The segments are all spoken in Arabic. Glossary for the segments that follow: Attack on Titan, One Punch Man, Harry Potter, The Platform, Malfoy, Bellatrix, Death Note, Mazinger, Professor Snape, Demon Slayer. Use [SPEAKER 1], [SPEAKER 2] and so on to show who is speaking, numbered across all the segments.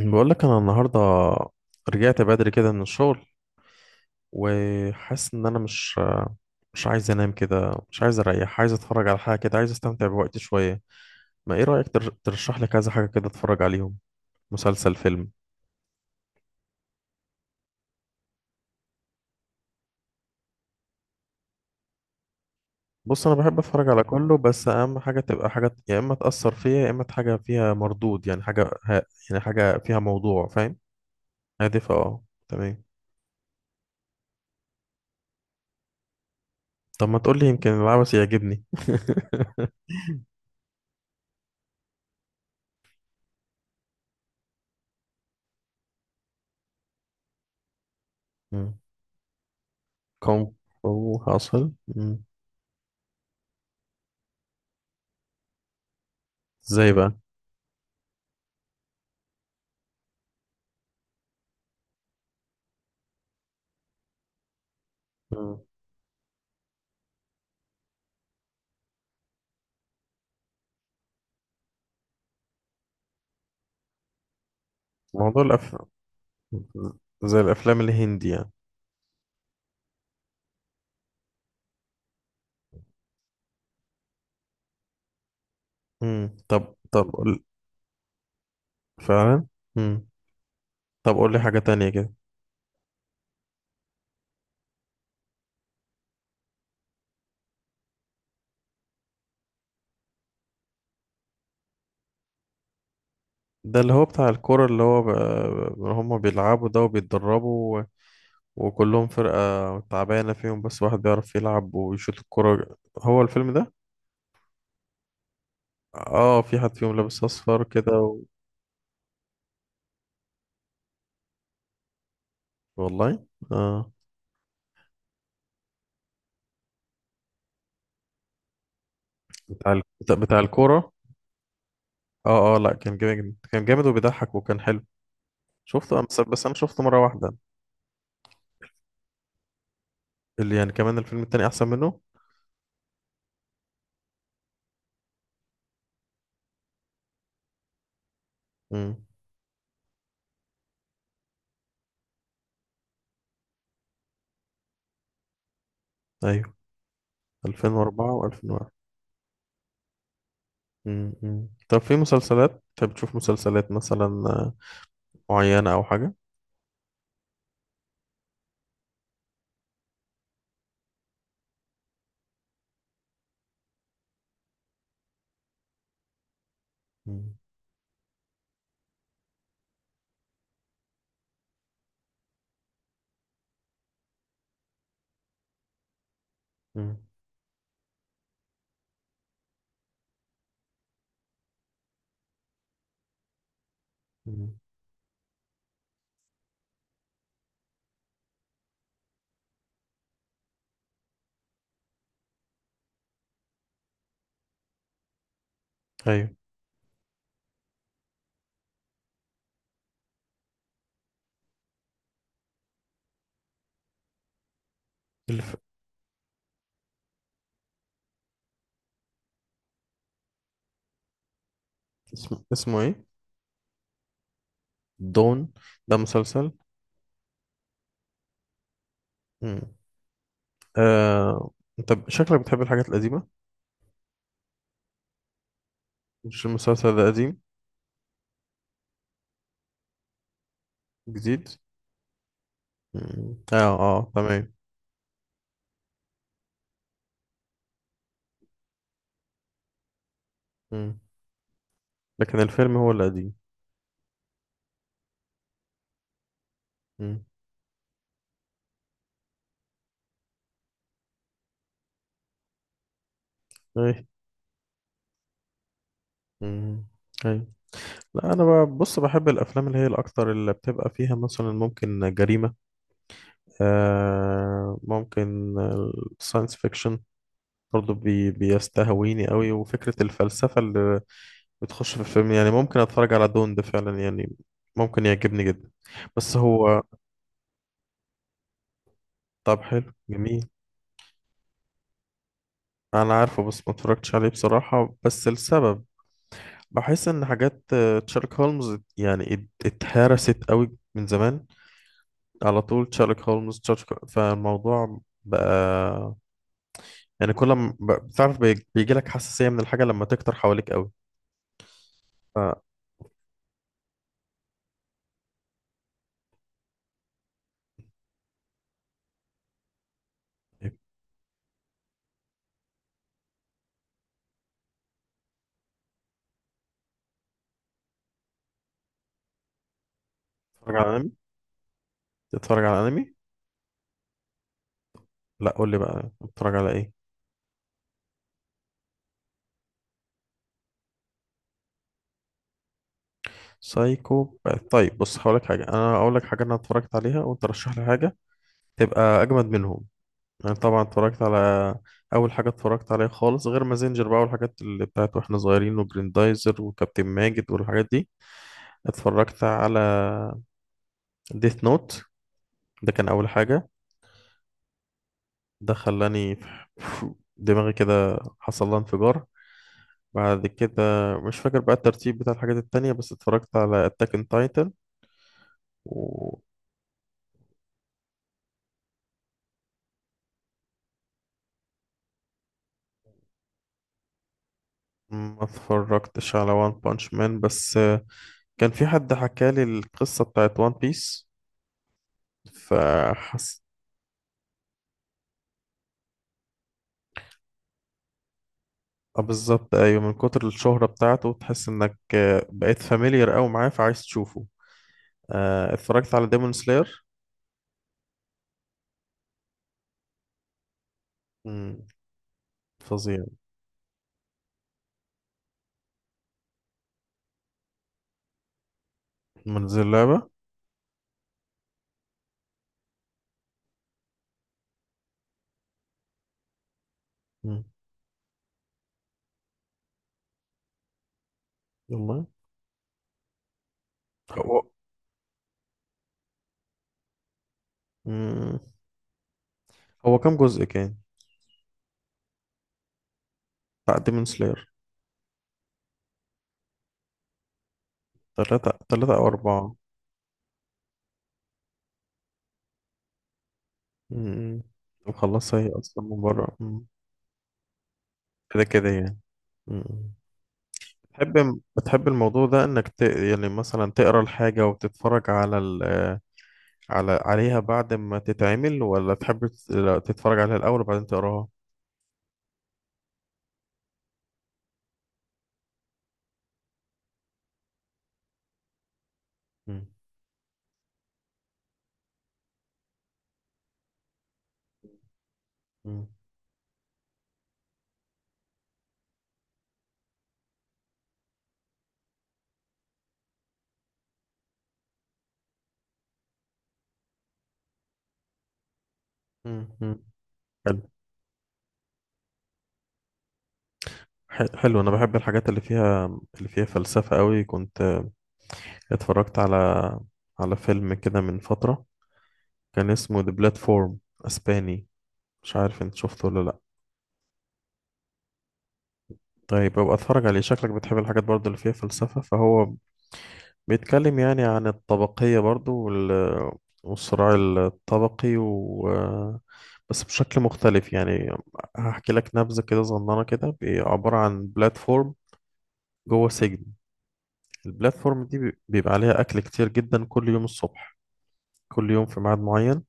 [SPEAKER 1] بقول لك انا النهارده رجعت بدري كده من الشغل، وحاسس ان انا مش عايز انام كده، مش عايز اريح، عايز اتفرج على حاجه كده، عايز استمتع بوقتي شويه. ما ايه رايك ترشح لي كذا حاجه كده اتفرج عليهم؟ مسلسل، فيلم. بص، انا بحب اتفرج على كله، بس اهم حاجه تبقى حاجه يا اما تاثر فيا يا اما حاجه فيها مردود، يعني يعني حاجه فيها موضوع، فاهم. هادفه، اه تمام. طب ما تقول لي، يمكن العبث يعجبني. مم. كونغ فو حاصل. مم. ازاي بقى؟ مم. موضوع زي الافلام الهندي يعني. طب قول. فعلا. امم. طب قول لي حاجة تانية كده. ده اللي هو بتاع الكورة، اللي هو هم بيلعبوا ده وبيتدربوا وكلهم فرقة تعبانة فيهم، بس واحد بيعرف يلعب ويشوط الكورة، هو الفيلم ده. اه، في حد فيهم لابس اصفر كده والله. اه، بتاع ال... بتاع بتاع الكورة. اه اه، لا كان جامد، كان جامد وبيضحك وكان حلو. بس انا شفته مرة واحدة. اللي يعني كمان الفيلم التاني احسن منه. امم. ايوه، 2004 و2001. مم، مم. طب في مسلسلات انت بتشوف مسلسلات مثلا معينة أو حاجة؟ مم، مم، مم. أيوة. الف... اسمه إيه؟ دون، ده مسلسل؟ مم. آه... أنت شكلك بتحب الحاجات القديمة؟ مش المسلسل ده قديم؟ جديد. مم. آه آه، تمام. مم. لكن الفيلم هو القديم. مم. أيوة. مم. أيوة. لا أنا بقى- بص، بحب الأفلام اللي هي الأكتر اللي بتبقى فيها مثلا ممكن جريمة، ممكن الساينس فيكشن برضو بيستهويني قوي، وفكرة الفلسفة اللي بتخش في الفيلم، يعني ممكن اتفرج على دون ده فعلا يعني، ممكن يعجبني جدا. بس هو. طب حلو، جميل. انا عارفه بس ما اتفرجتش عليه بصراحة، بس السبب بحس ان حاجات تشارلوك هولمز يعني اتهرست قوي من زمان، على طول تشارلوك هولمز، تشارلوك، فالموضوع بقى، يعني كل ما بتعرف بيجي لك حساسية من الحاجة لما تكتر حواليك قوي. ف- بتتفرج على انمي بتتفرج على انمي؟ لا، قول لي بقى بتتفرج على ايه. سايكو. طيب بص، هقول لك حاجه انا اتفرجت عليها، وانت رشح لي حاجه تبقى اجمد منهم. انا طبعا اتفرجت على اول حاجه اتفرجت عليها خالص، غير مازنجر بقى والحاجات اللي بتاعت واحنا صغيرين، وجريندايزر وكابتن ماجد والحاجات دي. اتفرجت على ديث نوت، ده كان اول حاجه، ده خلاني دماغي كده حصل لها انفجار. بعد كده مش فاكر بقى الترتيب بتاع الحاجات التانية، بس اتفرجت على أتاك اون تايتن، وما اتفرجتش على وان بانش مان. بس كان في حد حكالي القصة بتاعت وان بيس، فحس. اه بالظبط، أيوة، من كتر الشهرة بتاعته تحس إنك بقيت فاميليار أوي معاه، فعايز تشوفه. اه، اتفرجت على ديمون سلاير، فظيع. من زي اللعبة؟ مم. والله. هو. مم. هو كام جزء كان؟ بتاع ديمون سلاير. تلاتة، تلاتة أو أربعة. امم. مخلصها هي اصلا من بره. مم. كده كده يعني. امم. بتحب الموضوع ده انك يعني مثلا تقرا الحاجه وتتفرج على عليها بعد ما تتعمل، ولا تحب لا، تتفرج عليها الاول وبعدين تقراها؟ مم. مم. مم. مم. حلو. حلو، انا بحب الحاجات اللي فيها فلسفه قوي. كنت اتفرجت على فيلم كده من فتره، كان اسمه The Platform، اسباني. مش عارف انت شفته ولا لا. طيب ابقى اتفرج عليه، شكلك بتحب الحاجات برضه اللي فيها فلسفة. فهو بيتكلم يعني عن الطبقية برضه والصراع الطبقي، و بس بشكل مختلف يعني. هحكي لك نبذة كده صغننة كده، عبارة عن بلاتفورم جوه سجن. البلاتفورم دي بيبقى عليها أكل كتير جدا كل يوم الصبح، كل يوم في ميعاد معين.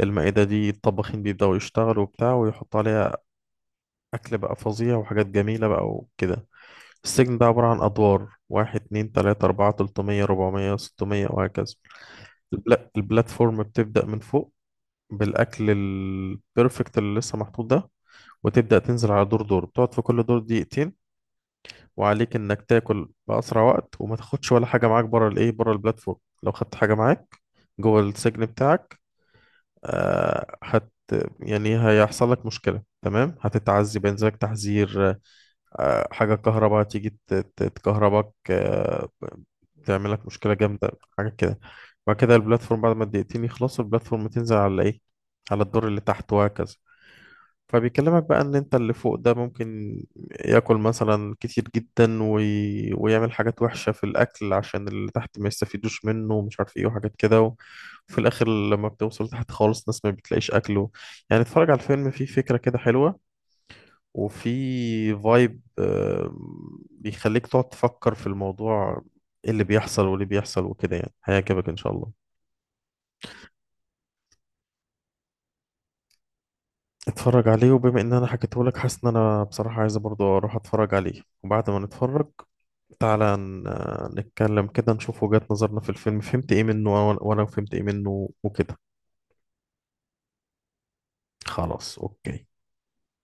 [SPEAKER 1] المائدة دي الطباخين بيبدأوا يشتغلوا وبتاع ويحطوا عليها أكل بقى فظيع وحاجات جميلة بقى وكده. السجن ده عبارة عن أدوار: واحد، اتنين، تلاتة، أربعة، تلتمية، ربعمية، ستمية، وهكذا. البلاتفورم بتبدأ من فوق بالأكل البرفكت اللي لسه محطوط ده، وتبدأ تنزل على دور دور، بتقعد في كل دور دقيقتين، وعليك إنك تاكل بأسرع وقت وما تاخدش ولا حاجة معاك بره الإيه، بره البلاتفورم. لو خدت حاجة معاك جوه السجن بتاعك، آه هت يعني هيحصل لك مشكلة، تمام، هتتعذب، ينزلك تحذير، حاجة كهرباء تيجي تكهربك، تعملك مشكلة جامدة، حاجة كده. بعد كده البلاتفورم، بعد ما الدقيقتين يخلصوا البلاتفورم تنزل على ايه؟ على الدور اللي تحت، وهكذا. فبيكلمك بقى ان انت اللي فوق ده ممكن ياكل مثلا كتير جدا، ويعمل حاجات وحشة في الاكل عشان اللي تحت ما يستفيدوش منه، ومش عارف ايه وحاجات كده وفي الاخر لما بتوصل تحت خالص ناس ما بتلاقيش اكله. يعني اتفرج على الفيلم، فيه فكرة كده حلوة وفي فايب بيخليك تقعد تفكر في الموضوع، ايه اللي بيحصل واللي بيحصل وكده، يعني هيعجبك ان شاء الله. اتفرج عليه، وبما ان انا حكيته لك حاسس ان انا بصراحة عايز برضو اروح اتفرج عليه. وبعد ما نتفرج تعالى نتكلم كده، نشوف وجهات نظرنا في الفيلم، فهمت ايه منه، وأنا فهمت ايه منه وكده. خلاص اوكي.